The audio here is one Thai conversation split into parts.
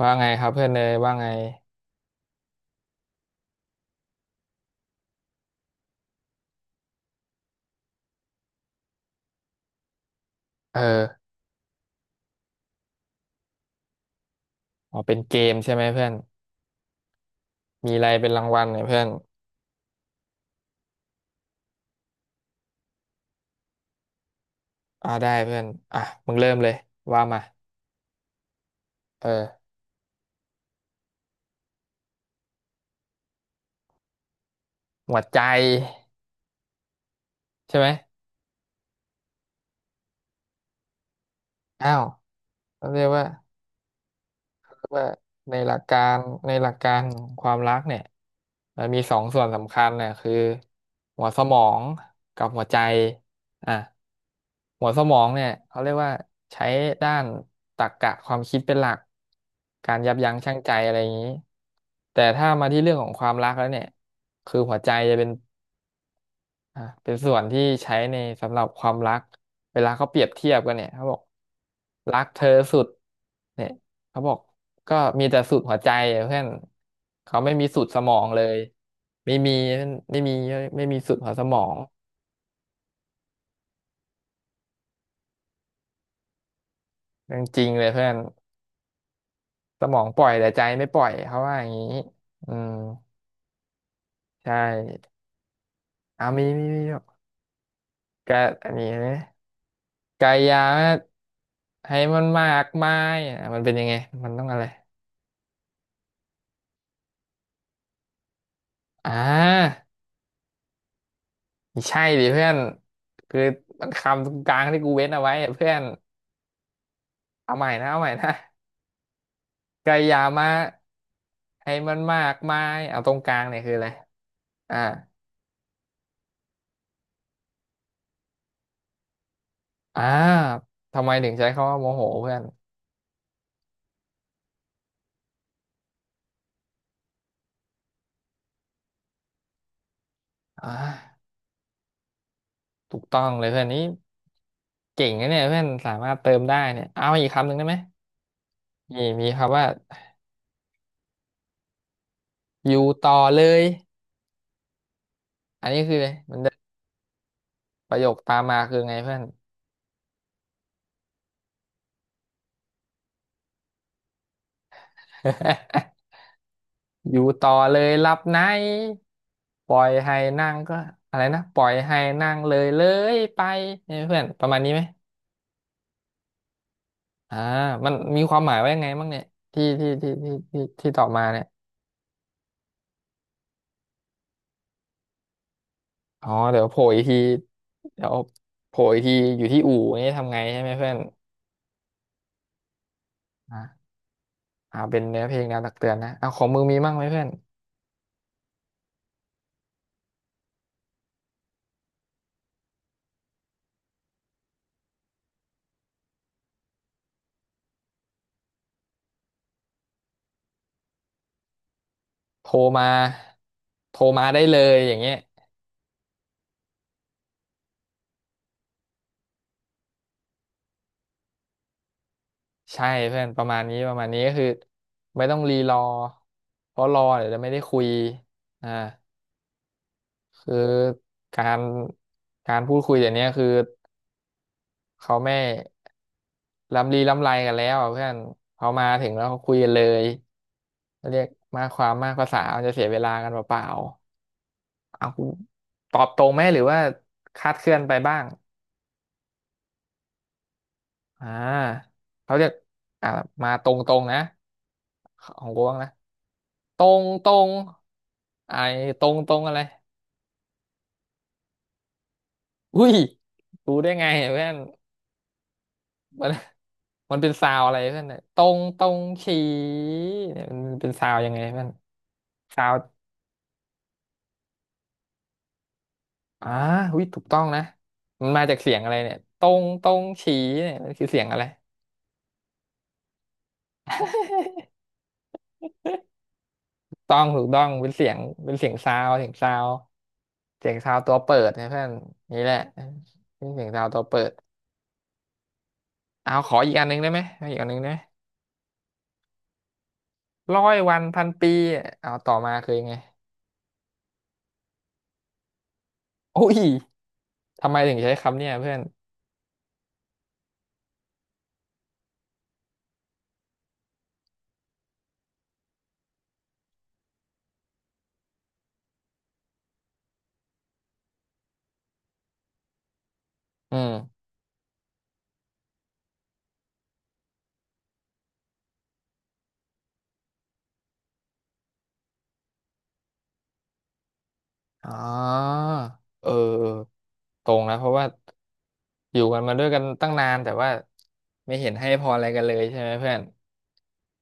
ว่าไงครับเพื่อนเนยว่าไงเอออ๋อเป็นเกมใช่ไหมเพื่อนมีอะไรเป็นรางวัลเนี่ยเพื่อนอ่าได้เพื่อนอ่ะมึงเริ่มเลยว่ามาเออหมวดใจใช่ไหมอ้าวเขาเรียกว่า ว่าในหลักการในหลักการของความรักเนี่ยมันมีสองส่วนสำคัญเนี่ยคือหัวสมองกับหัวใจอ่ะหัวสมองเนี่ยเขาเรียกว่าใช้ด้านตรรกะความคิดเป็นหลักการยับยั้งชั่งใจอะไรอย่างนี้แต่ถ้ามาที่เรื่องของความรักแล้วเนี่ยคือหัวใจจะเป็น อ่ะเป็นส่วนที่ใช้ในสำหรับความรัก เวลาเขาเปรียบเทียบกันเนี่ยเขาบอกรักเธอสุดเนี่ยเขาบอกก็มีแต่สุดหัวใจอะเพื่อนเขาไม่มีสุดสมองเลยไม่มีไม่มีสุดหัวสมองเรื่องจริงเลยเพื่อนสมองปล่อยแต่ใจไม่ปล่อยเขาว่าอย่างนี้อืมใช่เอามีกะอันนี้นะกายาให้มันมากมายอ่ะมันเป็นยังไงมันต้องอะไรอ่า ไม่ใช่ดิเพื่อนคือมันคำตรงกลางที่กูเว้นเอาไว้อะเพื่อนเอาใหม่นะกายามาให้มันมากมายเอาตรงกลางเนี่ยคืออะไรอ่าอ่าทำไมถึงใช้คำว่าโมโหเพื่อนอ่าถูกต้องเลยเพื่อนนี้เก่งนะเนี่ยเพื่อนสามารถเติมได้เนี่ยเอาอีกคำหนึ่งได้ไหมมีคำว่าอยู่ต่อเลยอันนี้คืออะไรมันจะประโยคตามมาคือไงเพื่อน อยู่ต่อเลยรับไหนปล่อยให้นั่งก็อะไรนะปล่อยให้นั่งเลยเลยไปเนี่ยเพื่อนประมาณนี้ไหมอ่ามันมีความหมายว่ายังไงบ้างเนี่ยที่ตอบมาเนี่ยอ๋อเดี๋ยวโผล่อีกทีเดี๋ยวโผล่อีกทีอยู่ที่อู่นี่ทำไงใช่ไหมเพื่อนอ่าอ่าเป็นเนื้อเพลงแนวตักเตือนนะเอาของมึงมีมั่งไหมเพื่อนโทรมาโทรมาได้เลยอย่างเงี้ย ใช่เพื่อนประมาณนี้ก็คือไม่ต้องรีรอเพราะรอเดี๋ยวจะไม่ได้คุยอ่าคือการการพูดคุยเดี๋ยวนี้คือเขาไม่ล้ำลีล้ำไรกันแล้วอะเพื่อนเขามาถึงแล้วเขาคุยกันเลยเรียกมากความมากภาษามันจะเสียเวลากันเปล่าๆเอาคุณตอบตรงไหมหรือว่าคาดเคลื่อนไปบ้างอ่าเขาจะอ่ามาตรงๆนะของกูบ้างนะ ตรงไอ้ตรงอะไรอุ้ยรู้ได้ไงเพื่อนมันมันเป็นซาวอะไรเพื่อนเนี่ยตรงตรงฉีเนี่ยมันเป็นซาวยังไงเพื่อนซาวอ่าอุ้ยถูกต้องนะมันมาจากเสียงอะไรเนี่ยตรงตรงฉีเนี่ยมันคือเสียงอะไร ต้องถูกต้องเป็นเสียงเป็นเสียงซาวเสียงซาวตัวเปิดนะเพื่อนนี่แหละเป็นเสียงซาวตัวเปิดเอาขออีกอันหนึ่งได้ไหมขออีกอันหนึ่งได้ไหม ร้อยวันพันปีเอาต่อมาคือยังไงโอ้ยทำไมถึงใช้คำเนี่ยเพื่อนอืมอ๋อเออเออตรงนะเพราะว่าอยู่กันมาด้วยกันตั้งนานแต่ว่าไม่เห็นให้พรอะไรกันเลยใช่ไหมเพื่อน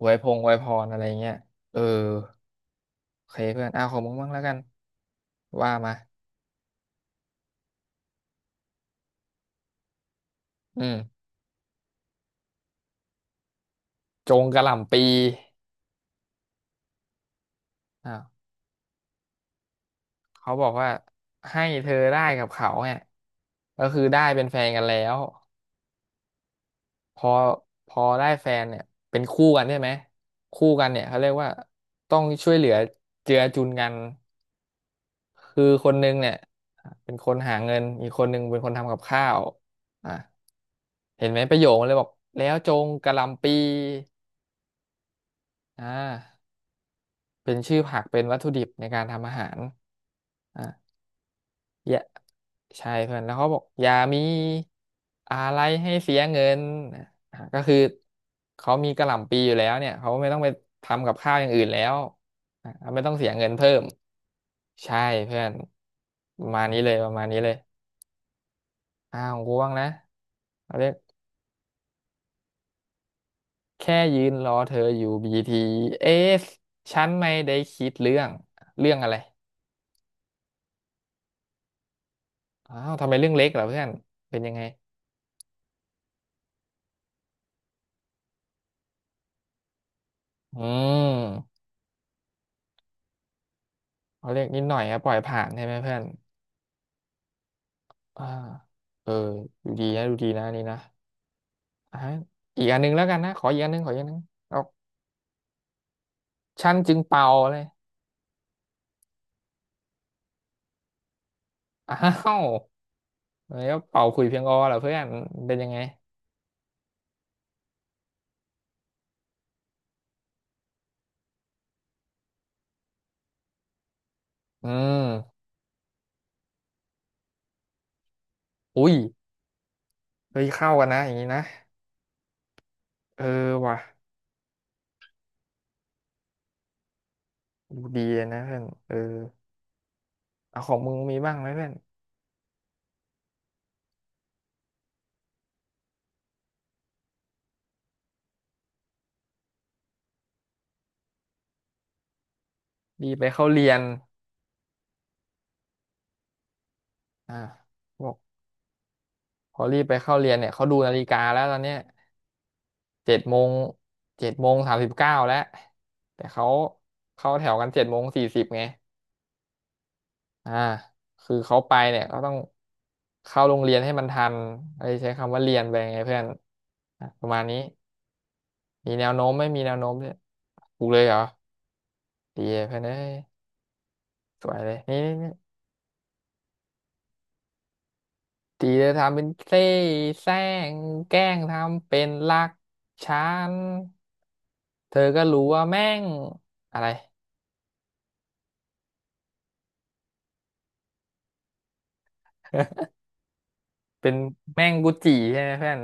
อวยพงอวยพรอะไรเงี้ยเออโอเคเพื่อนอ้าวขอมึงบ้างแล้วกันว่ามาอืมจงกระหล่ำปีอ้าวเขาบอกว่าให้เธอได้กับเขาเนี่ยก็คือได้เป็นแฟนกันแล้ว พอพอได้แฟนเนี่ยเป็นคู่กันใช่ไหมคู่กันเนี่ยเขาเรียกว่าต้องช่วยเหลือเจือจุนกันคือคนหนึงเนี่ยเป็นคนหาเงินอีกคนหนึงเป็นคนทำกับข้าวอ่ะเห็นไหมประโยคมันเลยบอกแล้วจงกะหล่ำปีอ่าเป็นชื่อผักเป็นวัตถุดิบในการทำอาหารอ่า อย่าใช่เพื่อนแล้วเขาบอกอย่ามีอะไรให้เสียเงินอ่ะก็คือเขามีกะหล่ำปีอยู่แล้วเนี่ยเขาไม่ต้องไปทำกับข้าวอย่างอื่นแล้วอ่ะไม่ต้องเสียเงินเพิ่มใช่เพื่อนประมาณนี้เลยอ้าวกูว่างนะเอาเรียกแค่ยืนรอเธออยู่บีทีเอสฉันไม่ได้คิดเรื่องเรื่องอะไรอ้าวทำไมเรื่องเล็กเหรอเพื่อนเป็นยังไงอืมเขาเรียกนิดหน่อยอะปล่อยผ่านใช่ไหมเพื่อน อ่าเออดูดีนะอันนี่นะอ่ะอีกอันหนึงแล้วกันนะขออีกอันหนึงเอาฉันจึงเป่าเลยอ้าวแล้วเป่าขลุยเพียงอเหรอเพื่อนเป็นยังไงอืมอุ้ยเฮ้ยเข้ากันนะอย่างนี้นะเออว่ะดูดีเลยนะเพื่อนเออเอาของมึงมีบ้างไหมเพื่อนรีบไปเข้าเรียนอ่าบอกพอรีบไปเข้าเรียนเนี่ยเขาดูนาฬิกาแล้วตอนเนี้ยเจ็ดโมง7:39แล้วแต่เขาเข้าแถวกัน7:40ไง อ่าคือเขาไปเนี่ยก็ต้องเข้าโรงเรียนให้มันทันอะไรใช้คำว่าเรียนไปไงเพื่อนอ่ะประมาณนี้มีแนวโน้มไม่มีแนวโน้มเนี่ยถูกเลยเหรอดีเพื่อนเอ้ยสวยเลยนี่นี่นี่ตีเลยทำเป็นเซ่แซงแกล้งทำเป็นรักฉันเธอก็รู้ว่าแม่งอะไรเป็นแม่งกุจิใช่ไหมเพื่อน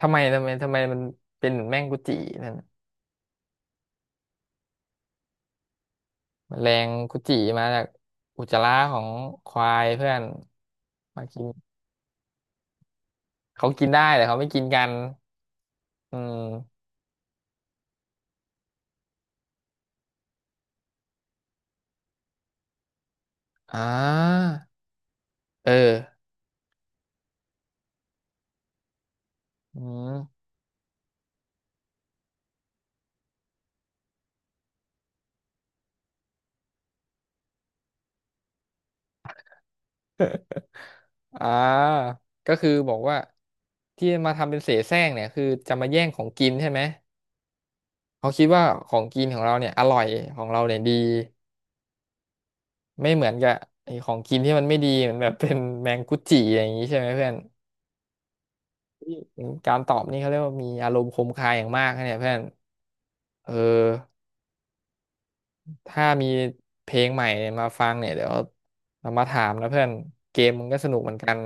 ทำไมมันเป็นเหมือนแม่งกุจินั่น แมลงกุจิมาจากอุจจาระของควายเพื่อนมากินเขากินได้แต่เขาไม่กินกันอืมอ่าเอออืมอ่าก็คือบอกว่าที่มาทำเป็นเสแสร้งเนี่ยคือจะมาแย่งของกินใช่ไหมเขาคิดว่าของกินของเราเนี่ยอร่อยของเราเนี่ยดีไม่เหมือนกับไอ้ของกินที่มันไม่ดีเหมือนแบบ เป็นแมงกุจิอย่างนี้ใช่ไหมเพื่อนการตอบนี่เขาเรียกว่ามีอารมณ์คมคายอย่างมากนะเนี่ยเพื่อนเออ ถ้ามีเพลงใหม่มาฟังเนี่ยเดี๋ยวเรามาถามนะเพื่อนเกมมึงก็สนุกเหมือนกัน